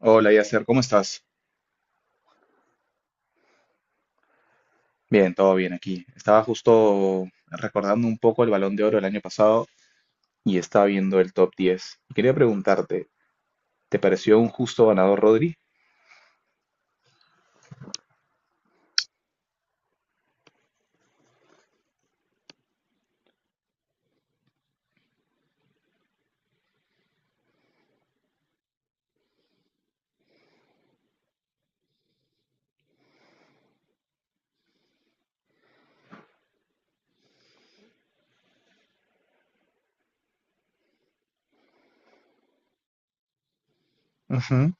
Hola, Yasser, ¿cómo estás? Bien, todo bien aquí. Estaba justo recordando un poco el Balón de Oro del año pasado y estaba viendo el top 10 Y quería preguntarte, ¿te pareció un justo ganador, Rodri? Ujú.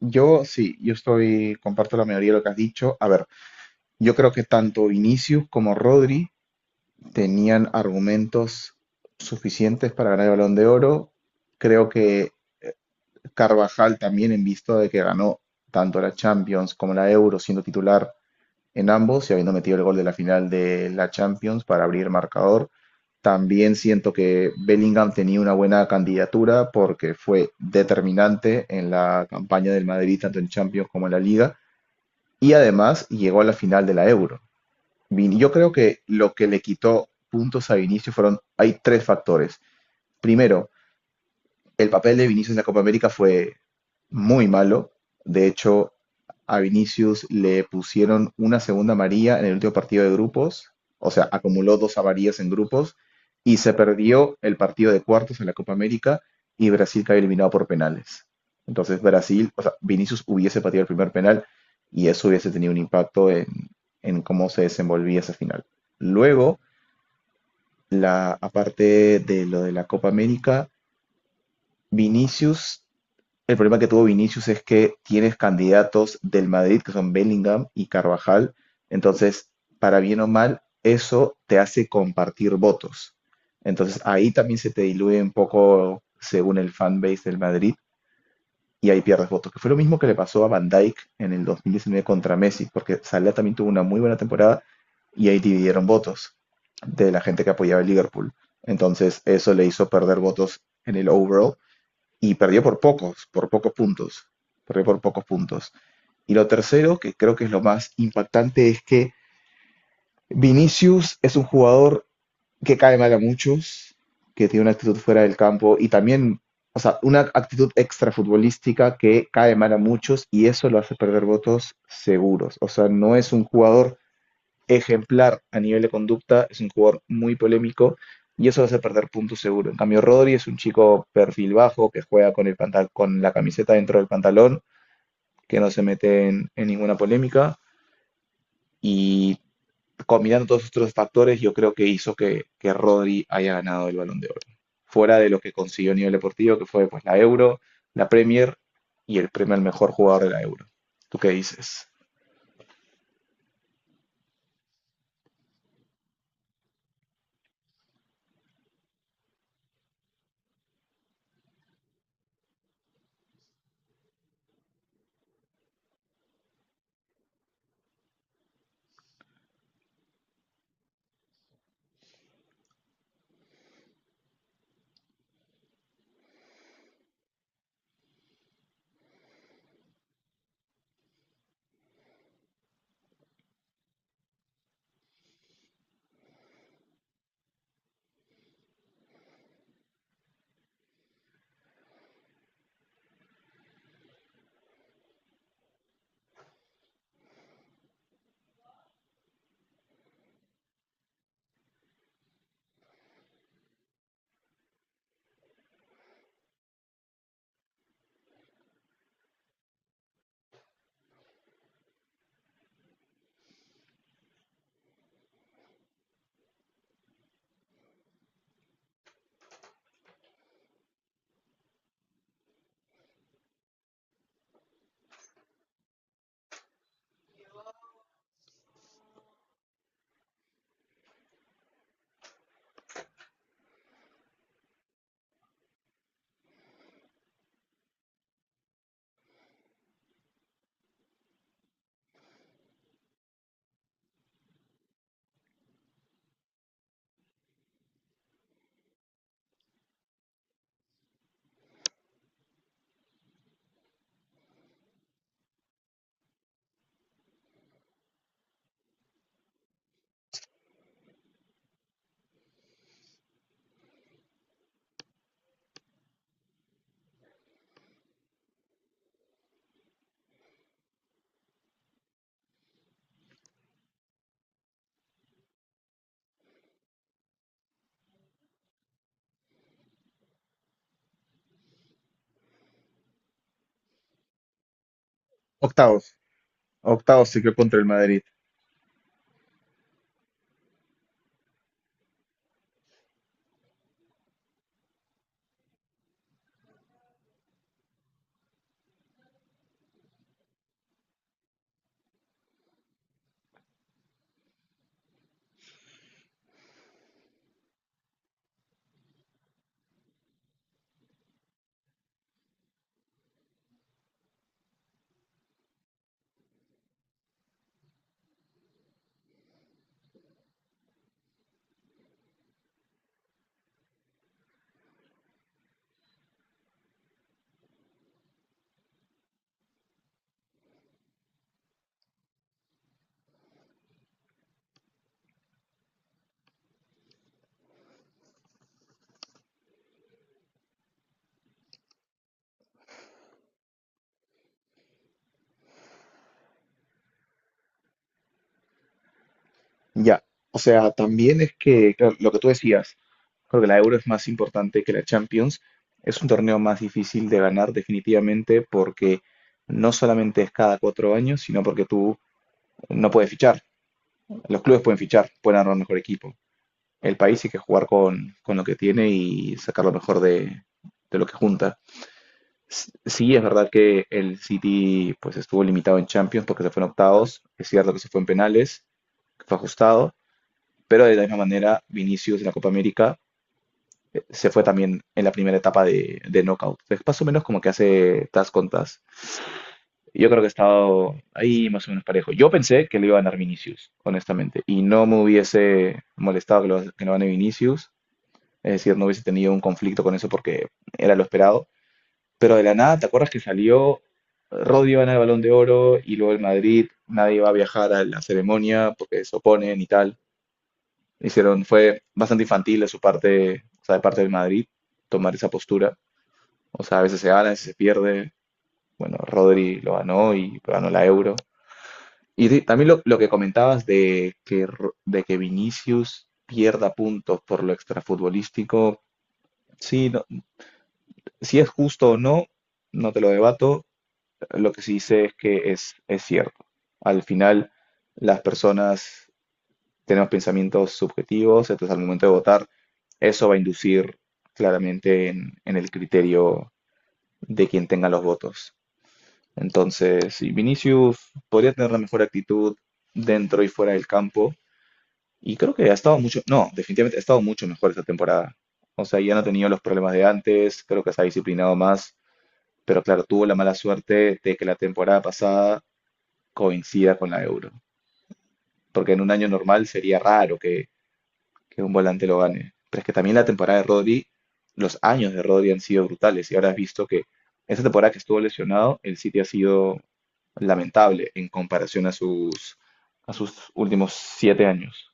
Yo sí, comparto la mayoría de lo que has dicho. A ver, yo creo que tanto Vinicius como Rodri tenían argumentos suficientes para ganar el Balón de Oro. Creo que Carvajal también, en vista de que ganó tanto la Champions como la Euro siendo titular en ambos y habiendo metido el gol de la final de la Champions para abrir marcador. También siento que Bellingham tenía una buena candidatura porque fue determinante en la campaña del Madrid, tanto en Champions como en la Liga, y además llegó a la final de la Euro. Yo creo que lo que le quitó puntos a Vinicius hay tres factores. Primero, el papel de Vinicius en la Copa América fue muy malo. De hecho, a Vinicius le pusieron una segunda amarilla en el último partido de grupos, o sea, acumuló dos amarillas en grupos y se perdió el partido de cuartos en la Copa América y Brasil cayó eliminado por penales. Entonces Brasil, o sea, Vinicius hubiese pateado el primer penal y eso hubiese tenido un impacto en cómo se desenvolvía esa final. Luego, aparte de lo de la Copa América, Vinicius el problema que tuvo Vinicius es que tienes candidatos del Madrid que son Bellingham y Carvajal. Entonces, para bien o mal, eso te hace compartir votos. Entonces, ahí también se te diluye un poco según el fanbase del Madrid y ahí pierdes votos. Que fue lo mismo que le pasó a Van Dijk en el 2019 contra Messi, porque Salah también tuvo una muy buena temporada y ahí dividieron votos de la gente que apoyaba el Liverpool. Entonces, eso le hizo perder votos en el overall y perdió por pocos puntos. Perdió por pocos puntos. Y lo tercero, que creo que es lo más impactante, es que Vinicius es un jugador que cae mal a muchos, que tiene una actitud fuera del campo y también, o sea, una actitud extrafutbolística que cae mal a muchos y eso lo hace perder votos seguros. O sea, no es un jugador ejemplar a nivel de conducta, es un jugador muy polémico y eso lo hace perder puntos seguro. En cambio, Rodri es un chico perfil bajo que juega con, el pantal con la camiseta dentro del pantalón, que no se mete en ninguna polémica y combinando todos estos factores yo creo que hizo que Rodri haya ganado el balón de oro. Fuera de lo que consiguió a nivel deportivo, que fue pues, la Euro, la Premier y el premio al mejor jugador de la Euro. ¿Tú qué dices? Octavos. Octavos se quedó contra el Madrid. Ya, o sea, también es que, claro, lo que tú decías, creo que la Euro es más importante que la Champions, es un torneo más difícil de ganar definitivamente porque no solamente es cada 4 años, sino porque tú no puedes fichar, los clubes pueden fichar, pueden armar mejor equipo, el país hay que jugar con lo que tiene y sacar lo mejor de lo que junta. S- Sí, es verdad que el City pues estuvo limitado en Champions porque se fue en octavos, es cierto que se fue en penales, que fue ajustado, pero de la misma manera, Vinicius en la Copa América se fue también en la primera etapa de knockout. Es más o menos como que hace tas con tas. Yo creo que he estado ahí más o menos parejo. Yo pensé que le iba a ganar Vinicius, honestamente, y no me hubiese molestado que lo gane Vinicius. Es decir, no hubiese tenido un conflicto con eso porque era lo esperado. Pero de la nada, ¿te acuerdas que salió Rodri gana el Balón de Oro y luego el Madrid, nadie va a viajar a la ceremonia porque se oponen y tal? Hicieron, fue bastante infantil de su parte, o sea, de parte del Madrid, tomar esa postura. O sea, a veces se gana, a veces se pierde. Bueno, Rodri lo ganó y ganó la Euro. Y sí, también lo que comentabas de que, de que Vinicius pierda puntos por lo extrafutbolístico, sí, si es justo o no, no te lo debato. Lo que sí sé es que es cierto. Al final, las personas tenemos pensamientos subjetivos, entonces al momento de votar, eso va a inducir claramente en el criterio de quien tenga los votos. Entonces, sí, Vinicius podría tener la mejor actitud dentro y fuera del campo, y creo que ha estado mucho, no, definitivamente ha estado mucho mejor esta temporada. O sea, ya no ha tenido los problemas de antes, creo que se ha disciplinado más, pero claro, tuvo la mala suerte de que la temporada pasada coincida con la Euro, porque en un año normal sería raro que un volante lo gane. Pero es que también la temporada de Rodri, los años de Rodri han sido brutales y ahora has visto que esa temporada que estuvo lesionado, el City ha sido lamentable en comparación a sus últimos 7 años.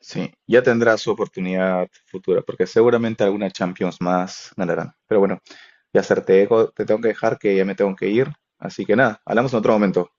Sí, ya tendrá su oportunidad futura, porque seguramente alguna Champions más ganarán. Pero bueno, ya ser te te tengo que dejar que ya me tengo que ir. Así que nada, hablamos en otro momento.